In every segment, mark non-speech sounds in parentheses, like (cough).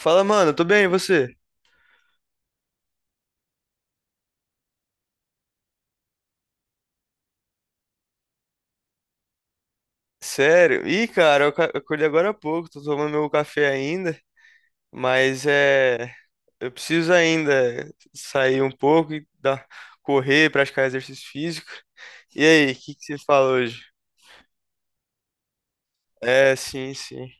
Fala, mano, tô bem, e você? Sério? Ih, cara, eu acordei agora há pouco, tô tomando meu café ainda, mas é. Eu preciso ainda sair um pouco e correr, praticar exercício físico. E aí, o que que você fala hoje? É, sim, sim.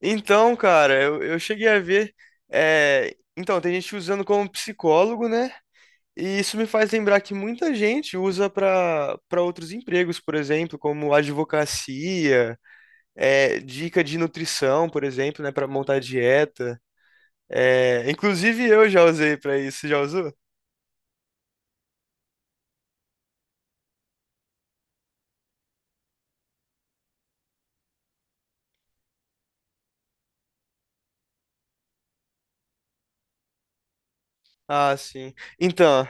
Então, cara, eu cheguei a ver. Então, tem gente usando como psicólogo, né? E isso me faz lembrar que muita gente usa para outros empregos, por exemplo, como advocacia. É, dica de nutrição, por exemplo, né, para montar dieta. É, inclusive eu já usei para isso. Você já usou? Ah, sim. Então,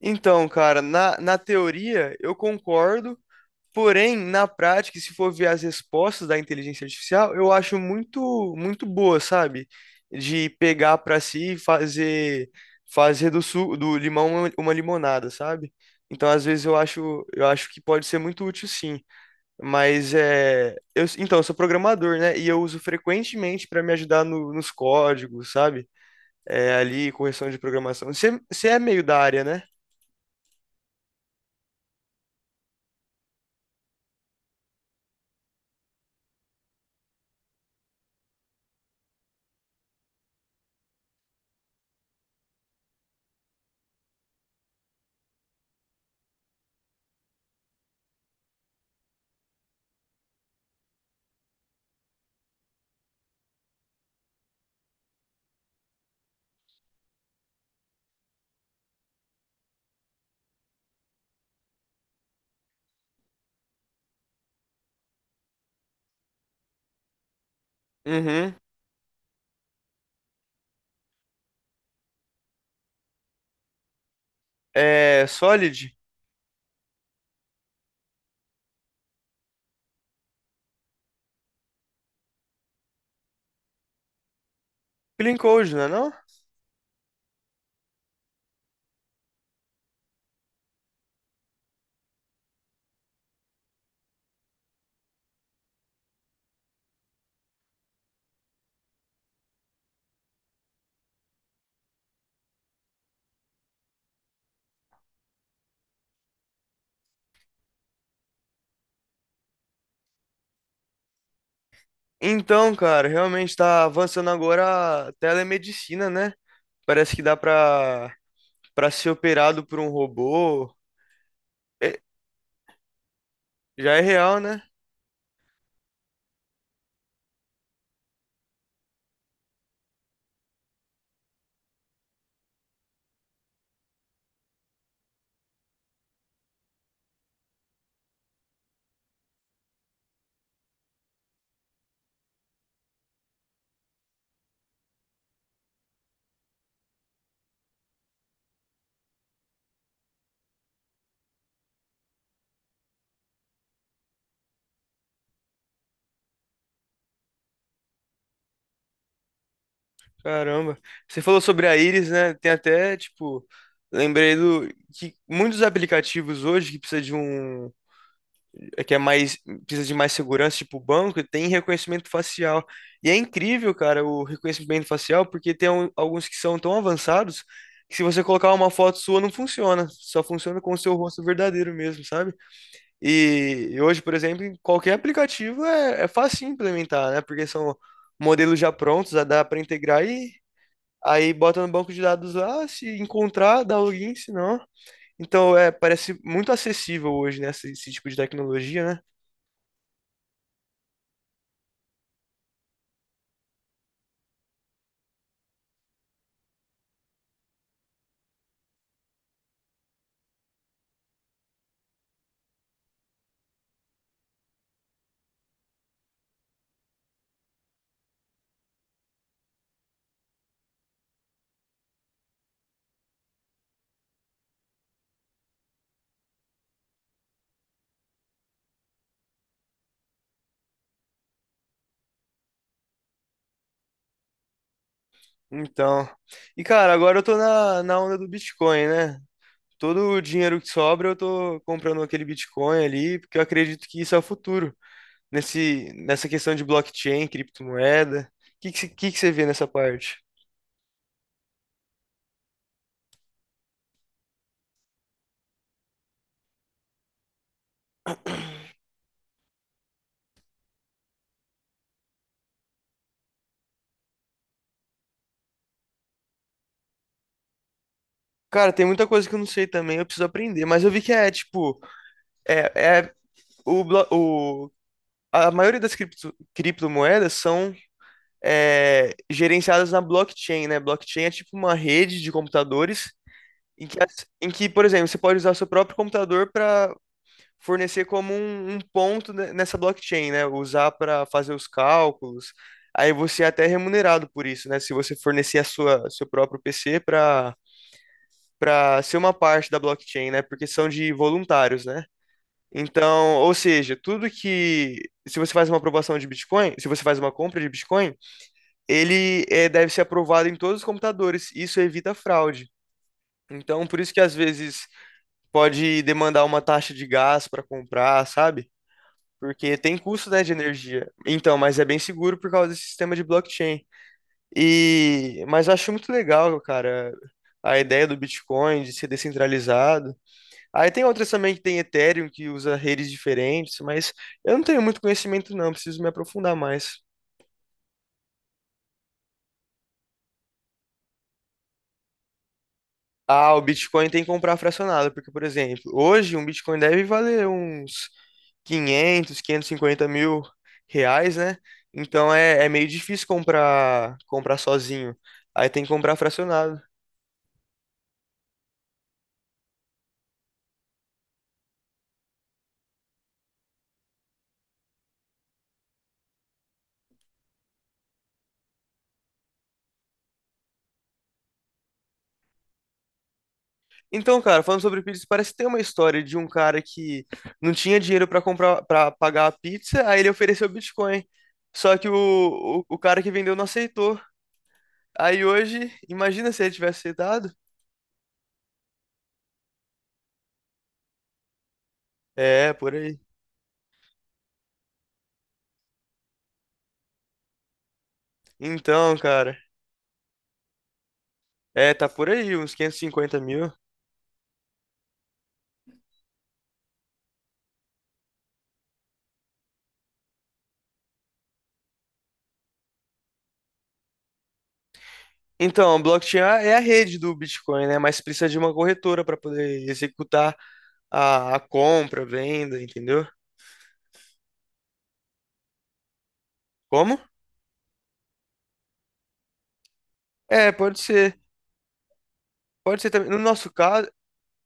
então, cara, na teoria eu concordo, porém, na prática, se for ver as respostas da inteligência artificial, eu acho muito boa, sabe? De pegar para si e fazer do limão uma limonada, sabe? Então, às vezes eu acho que pode ser muito útil, sim. Mas é. Eu, então, eu sou programador, né? E eu uso frequentemente para me ajudar nos códigos, sabe? É, ali, correção de programação. Você é meio da área, né? Uhum. É Solid? Clean Code, não é não? Então, cara, realmente tá avançando agora a telemedicina, né? Parece que dá pra ser operado por um robô. É, já é real, né? Caramba. Você falou sobre a Iris, né? Tem até, tipo, lembrei do que muitos aplicativos hoje que precisa de um, é que é mais, precisa de mais segurança, tipo o banco, tem reconhecimento facial. E é incrível, cara, o reconhecimento facial, porque alguns que são tão avançados que se você colocar uma foto sua não funciona, só funciona com o seu rosto verdadeiro mesmo, sabe? E hoje, por exemplo, em qualquer aplicativo é fácil implementar, né? Porque são modelos já prontos, dá para integrar e aí bota no banco de dados lá, se encontrar, dá login, se não. Então, é, parece muito acessível hoje, né, esse tipo de tecnologia, né? Então. E, cara, agora eu tô na onda do Bitcoin, né? Todo o dinheiro que sobra, eu tô comprando aquele Bitcoin ali, porque eu acredito que isso é o futuro. Nessa questão de blockchain, criptomoeda. O que que você vê nessa parte? Cara, tem muita coisa que eu não sei também, eu preciso aprender, mas eu vi que é tipo, é o, blo- a maioria das criptomoedas são gerenciadas na blockchain, né? Blockchain é tipo uma rede de computadores em em que, por exemplo, você pode usar seu próprio computador para fornecer como um ponto nessa blockchain, né? Usar para fazer os cálculos. Aí você é até remunerado por isso, né? Se você fornecer a sua seu próprio PC para ser uma parte da blockchain, né? Porque são de voluntários, né? Então, ou seja, tudo que. Se você faz uma aprovação de Bitcoin, se você faz uma compra de Bitcoin, ele deve ser aprovado em todos os computadores. Isso evita fraude. Então, por isso que às vezes pode demandar uma taxa de gás para comprar, sabe? Porque tem custo, né, de energia. Então, mas é bem seguro por causa desse sistema de blockchain. E, mas eu acho muito legal, cara, a ideia do Bitcoin de ser descentralizado. Aí tem outras também que tem Ethereum, que usa redes diferentes, mas eu não tenho muito conhecimento não, preciso me aprofundar mais. Ah, o Bitcoin tem que comprar fracionado, porque, por exemplo, hoje um Bitcoin deve valer uns 550.000 reais, né? Então é meio difícil comprar sozinho. Aí tem que comprar fracionado. Então, cara, falando sobre pizza, parece que tem uma história de um cara que não tinha dinheiro pra comprar, para pagar a pizza, aí ele ofereceu Bitcoin. Só que o cara que vendeu não aceitou. Aí hoje, imagina se ele tivesse aceitado. É, por aí. Então, cara, é, tá por aí, uns 550.000. Então, a blockchain é a rede do Bitcoin, né? Mas precisa de uma corretora pra poder executar a compra, a venda, entendeu? Como? É, pode ser. Pode ser também. No nosso caso,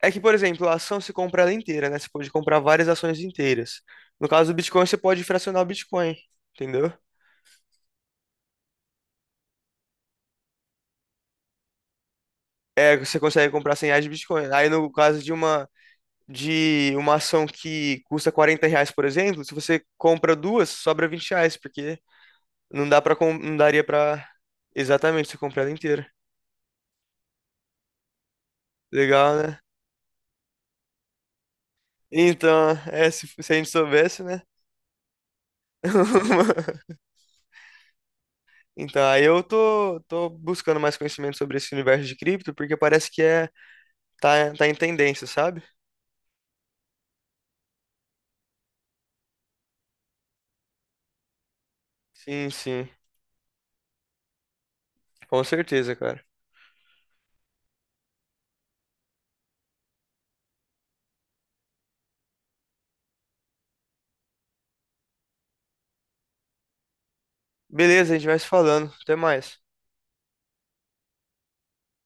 é que, por exemplo, a ação se compra ela inteira, né? Você pode comprar várias ações inteiras. No caso do Bitcoin, você pode fracionar o Bitcoin, entendeu? É, você consegue comprar 100 reais de Bitcoin. Aí, no caso de uma ação que custa 40 reais, por exemplo, se você compra duas, sobra 20 reais, porque não daria para exatamente você comprar ela inteira. Legal, né? Então, é, se a gente soubesse, né? (laughs) Então, aí eu tô, tô buscando mais conhecimento sobre esse universo de cripto, porque parece que é tá, tá em tendência, sabe? Sim, sim. Com certeza, cara. Beleza, a gente vai se falando. Até mais.